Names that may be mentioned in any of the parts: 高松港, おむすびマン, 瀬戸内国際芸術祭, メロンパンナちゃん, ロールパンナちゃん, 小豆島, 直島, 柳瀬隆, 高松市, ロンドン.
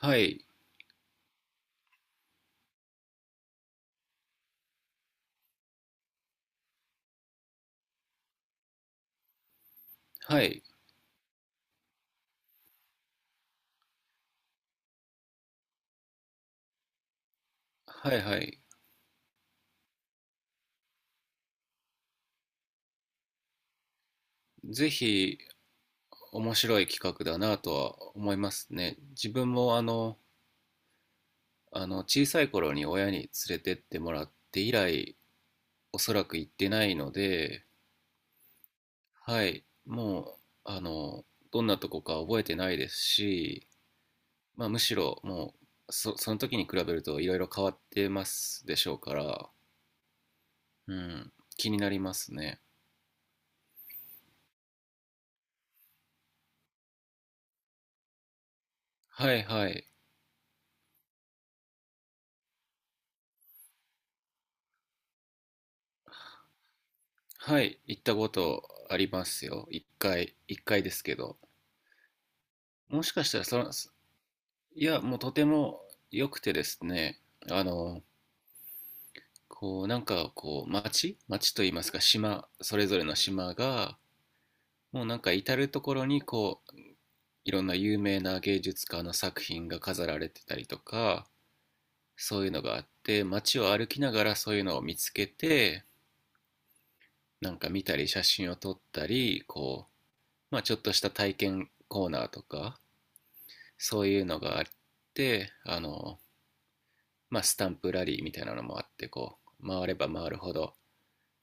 はい、はい、はい、はい。ぜひ、面白い企画だなとは思いますね。自分も小さい頃に親に連れてってもらって以来、おそらく行ってないので、はい、もう、あの、どんなとこか覚えてないですし、まあ、むしろもう、その時に比べるといろいろ変わってますでしょうから、うん、気になりますね。はい、はい。はい、行ったことありますよ。一回、一回ですけど。もしかしたらその、いや、もうとても良くてですね、あの、こう、なんかこう、町といいますか、島、それぞれの島が、もうなんか至る所にこう、いろんな有名な芸術家の作品が飾られてたりとか、そういうのがあって、街を歩きながらそういうのを見つけて、なんか見たり、写真を撮ったり、こう、まあちょっとした体験コーナーとか、そういうのがあって、まあ、スタンプラリーみたいなのもあって、こう回れば回るほど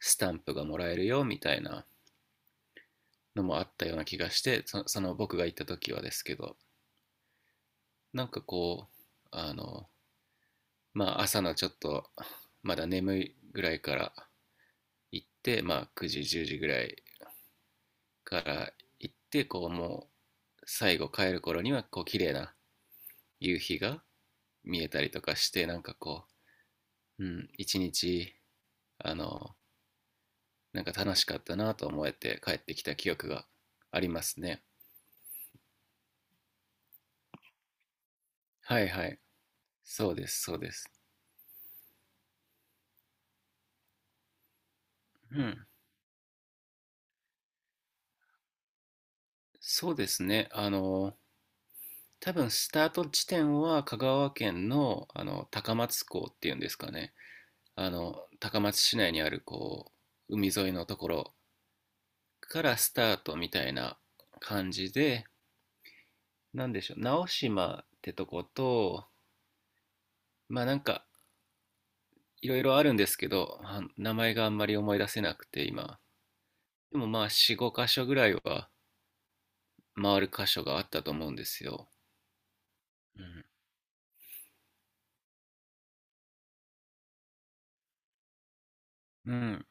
スタンプがもらえるよみたいなのもあったような気がして、その僕が行った時はですけど、なんかこう、あの、まあ、朝のちょっとまだ眠いぐらいから行って、まあ、9時10時ぐらいから行って、こうもう最後帰る頃にはこう綺麗な夕日が見えたりとかして、なんかこう、うん、一日あのなんか楽しかったなと思えて帰ってきた記憶がありますね。はい、はい。そうです、そうです。うん。そうですね。多分スタート地点は香川県の、高松港っていうんですかね。高松市内にあるこう、海沿いのところからスタートみたいな感じで、なんでしょう、直島ってとこと、まあなんかいろいろあるんですけど、あ、名前があんまり思い出せなくて今。でもまあ4、5箇所ぐらいは回る箇所があったと思うんですよ。うん。うん。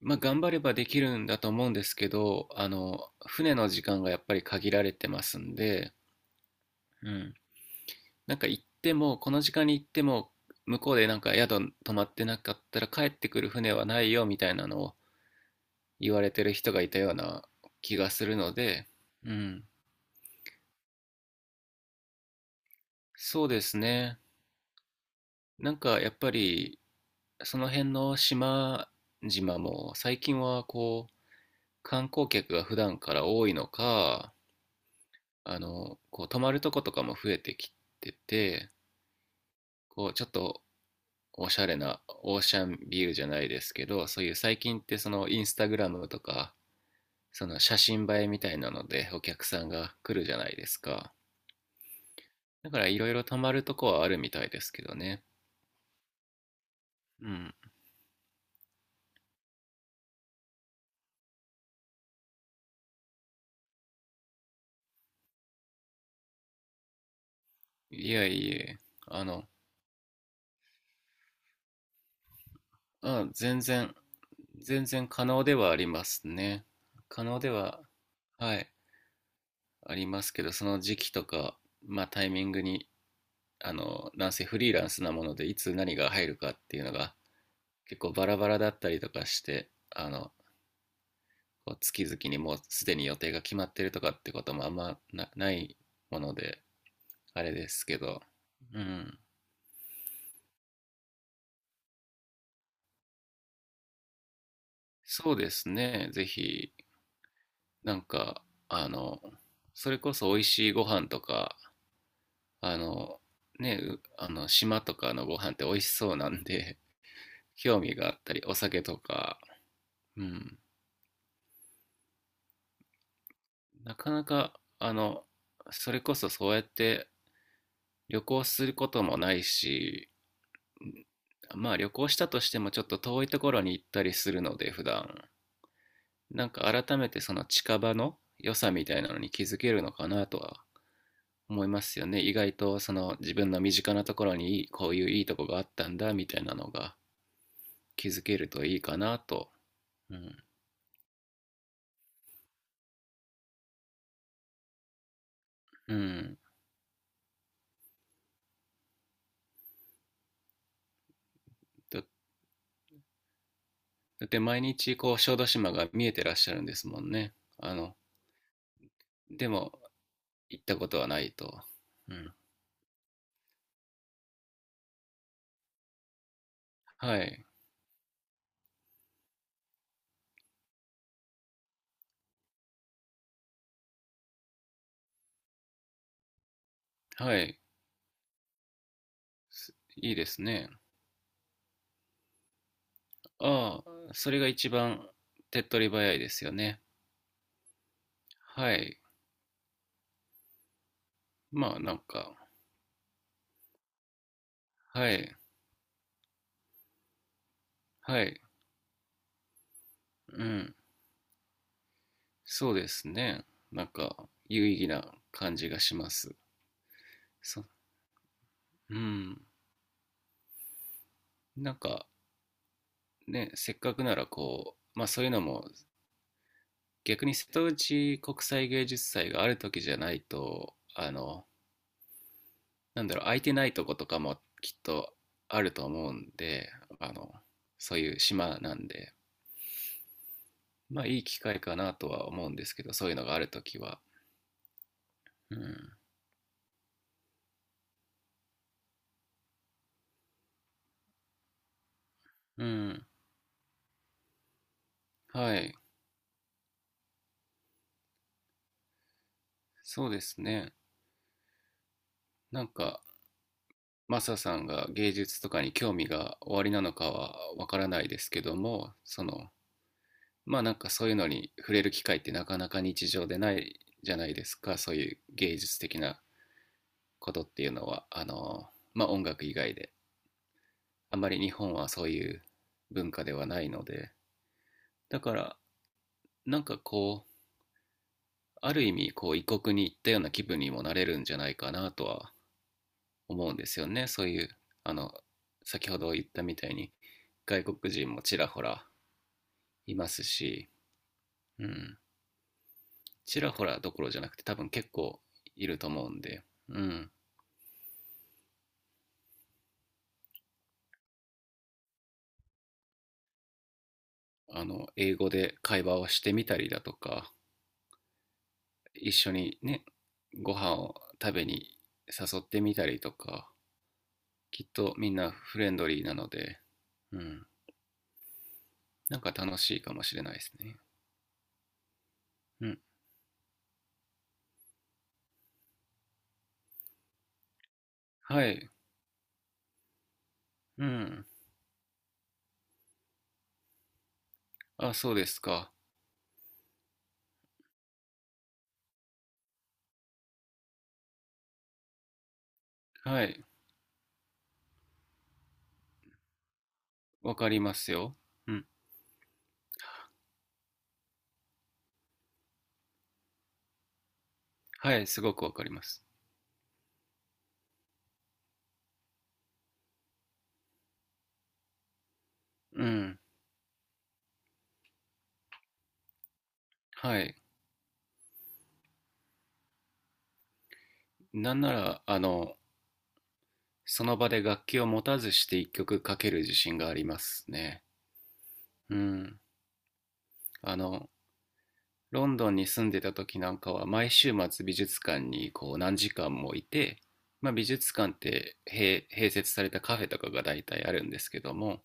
まあ頑張ればできるんだと思うんですけど、船の時間がやっぱり限られてますんで、うん。なんか行っても、この時間に行っても、向こうでなんか宿泊まってなかったら帰ってくる船はないよみたいなのを言われてる人がいたような気がするので、うん。そうですね。なんかやっぱり、その辺の島々も最近は観光客が普段から多いのか、こう泊まるとことかも増えてきてて、こうちょっとおしゃれなオーシャンビューじゃないですけど、そういう最近ってそのインスタグラムとか、その写真映えみたいなのでお客さんが来るじゃないですか。だからいろいろ泊まるとこはあるみたいですけどね。うん。いや、いえ、あの、あ、全然、全然可能ではありますね。可能では、はい、ありますけど、その時期とか、まあタイミングに、男性フリーランスなもので、いつ何が入るかっていうのが結構バラバラだったりとかして、こう月々にもうすでに予定が決まってるとかってこともあんま、な、ないもので、あれですけど、うん。そうですね。ぜひ、なんか、あの、それこそ美味しいご飯とか、あの、ね、島とかのご飯って美味しそうなんで、興味があったり、お酒とか、うん。なかなか、あの、それこそそうやって旅行することもないし、まあ旅行したとしてもちょっと遠いところに行ったりするので、普段なんか改めてその近場の良さみたいなのに気づけるのかなとは思いますよね。意外とその自分の身近なところにいいこういういいとこがあったんだみたいなのが気づけるといいかなと。うん、うん、だだって毎日こう小豆島が見えてらっしゃるんですもんね。あのでも行ったことはないと。うん。はい。はい。いいですね。ああ、それが一番手っ取り早いですよね。はい。まあなんか、はい。はい。うん。そうですね。なんか、有意義な感じがします。そうん。なんか、ね、せっかくならこう、まあそういうのも、逆に瀬戸内国際芸術祭がある時じゃないと、なんだろう、空いてないとことかもきっとあると思うんで、あの、そういう島なんで、まあいい機会かなとは思うんですけど、そういうのがあるときは。うん。うん。はい。そうですね。なんか、マサさんが芸術とかに興味がおありなのかはわからないですけども、その、まあなんかそういうのに触れる機会ってなかなか日常でないじゃないですか、そういう芸術的なことっていうのは、まあ音楽以外で。あまり日本はそういう文化ではないので、だからなんかこう、ある意味こう異国に行ったような気分にもなれるんじゃないかなとは思うんですよね。そういう、あの、先ほど言ったみたいに外国人もちらほらいますし、うん、ちらほらどころじゃなくて多分結構いると思うんで、うん、英語で会話をしてみたりだとか、一緒にね、ご飯を食べに誘ってみたりとか、きっとみんなフレンドリーなので、うん、なんか楽しいかもしれないですね。うん、はい、うん、あ、そうですか。はい、わかりますよ。うん、はい、すごくわかります。うん、はい、なんなら、その場で楽器を持たずして一曲かける自信がありますね。うん、あの、ロンドンに住んでた時なんかは毎週末美術館にこう何時間もいて、まあ、美術館って併設されたカフェとかが大体あるんですけども、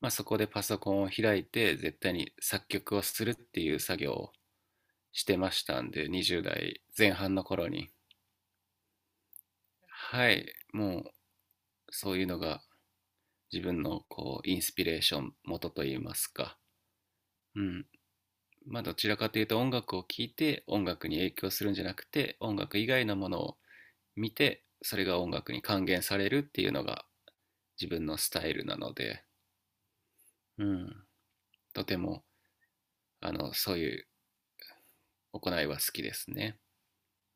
まあ、そこでパソコンを開いて絶対に作曲をするっていう作業をしてましたんで、20代前半の頃に。はい、もうそういうのが自分のこうインスピレーション元といいますか、うん、まあどちらかというと音楽を聴いて音楽に影響するんじゃなくて、音楽以外のものを見てそれが音楽に還元されるっていうのが自分のスタイルなので、うん、とてもそういう行いは好きですね。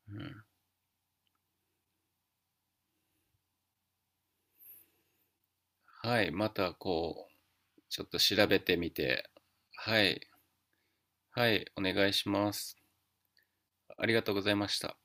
うん、はい、またこう、ちょっと調べてみて、はい、はい、お願いします。ありがとうございました。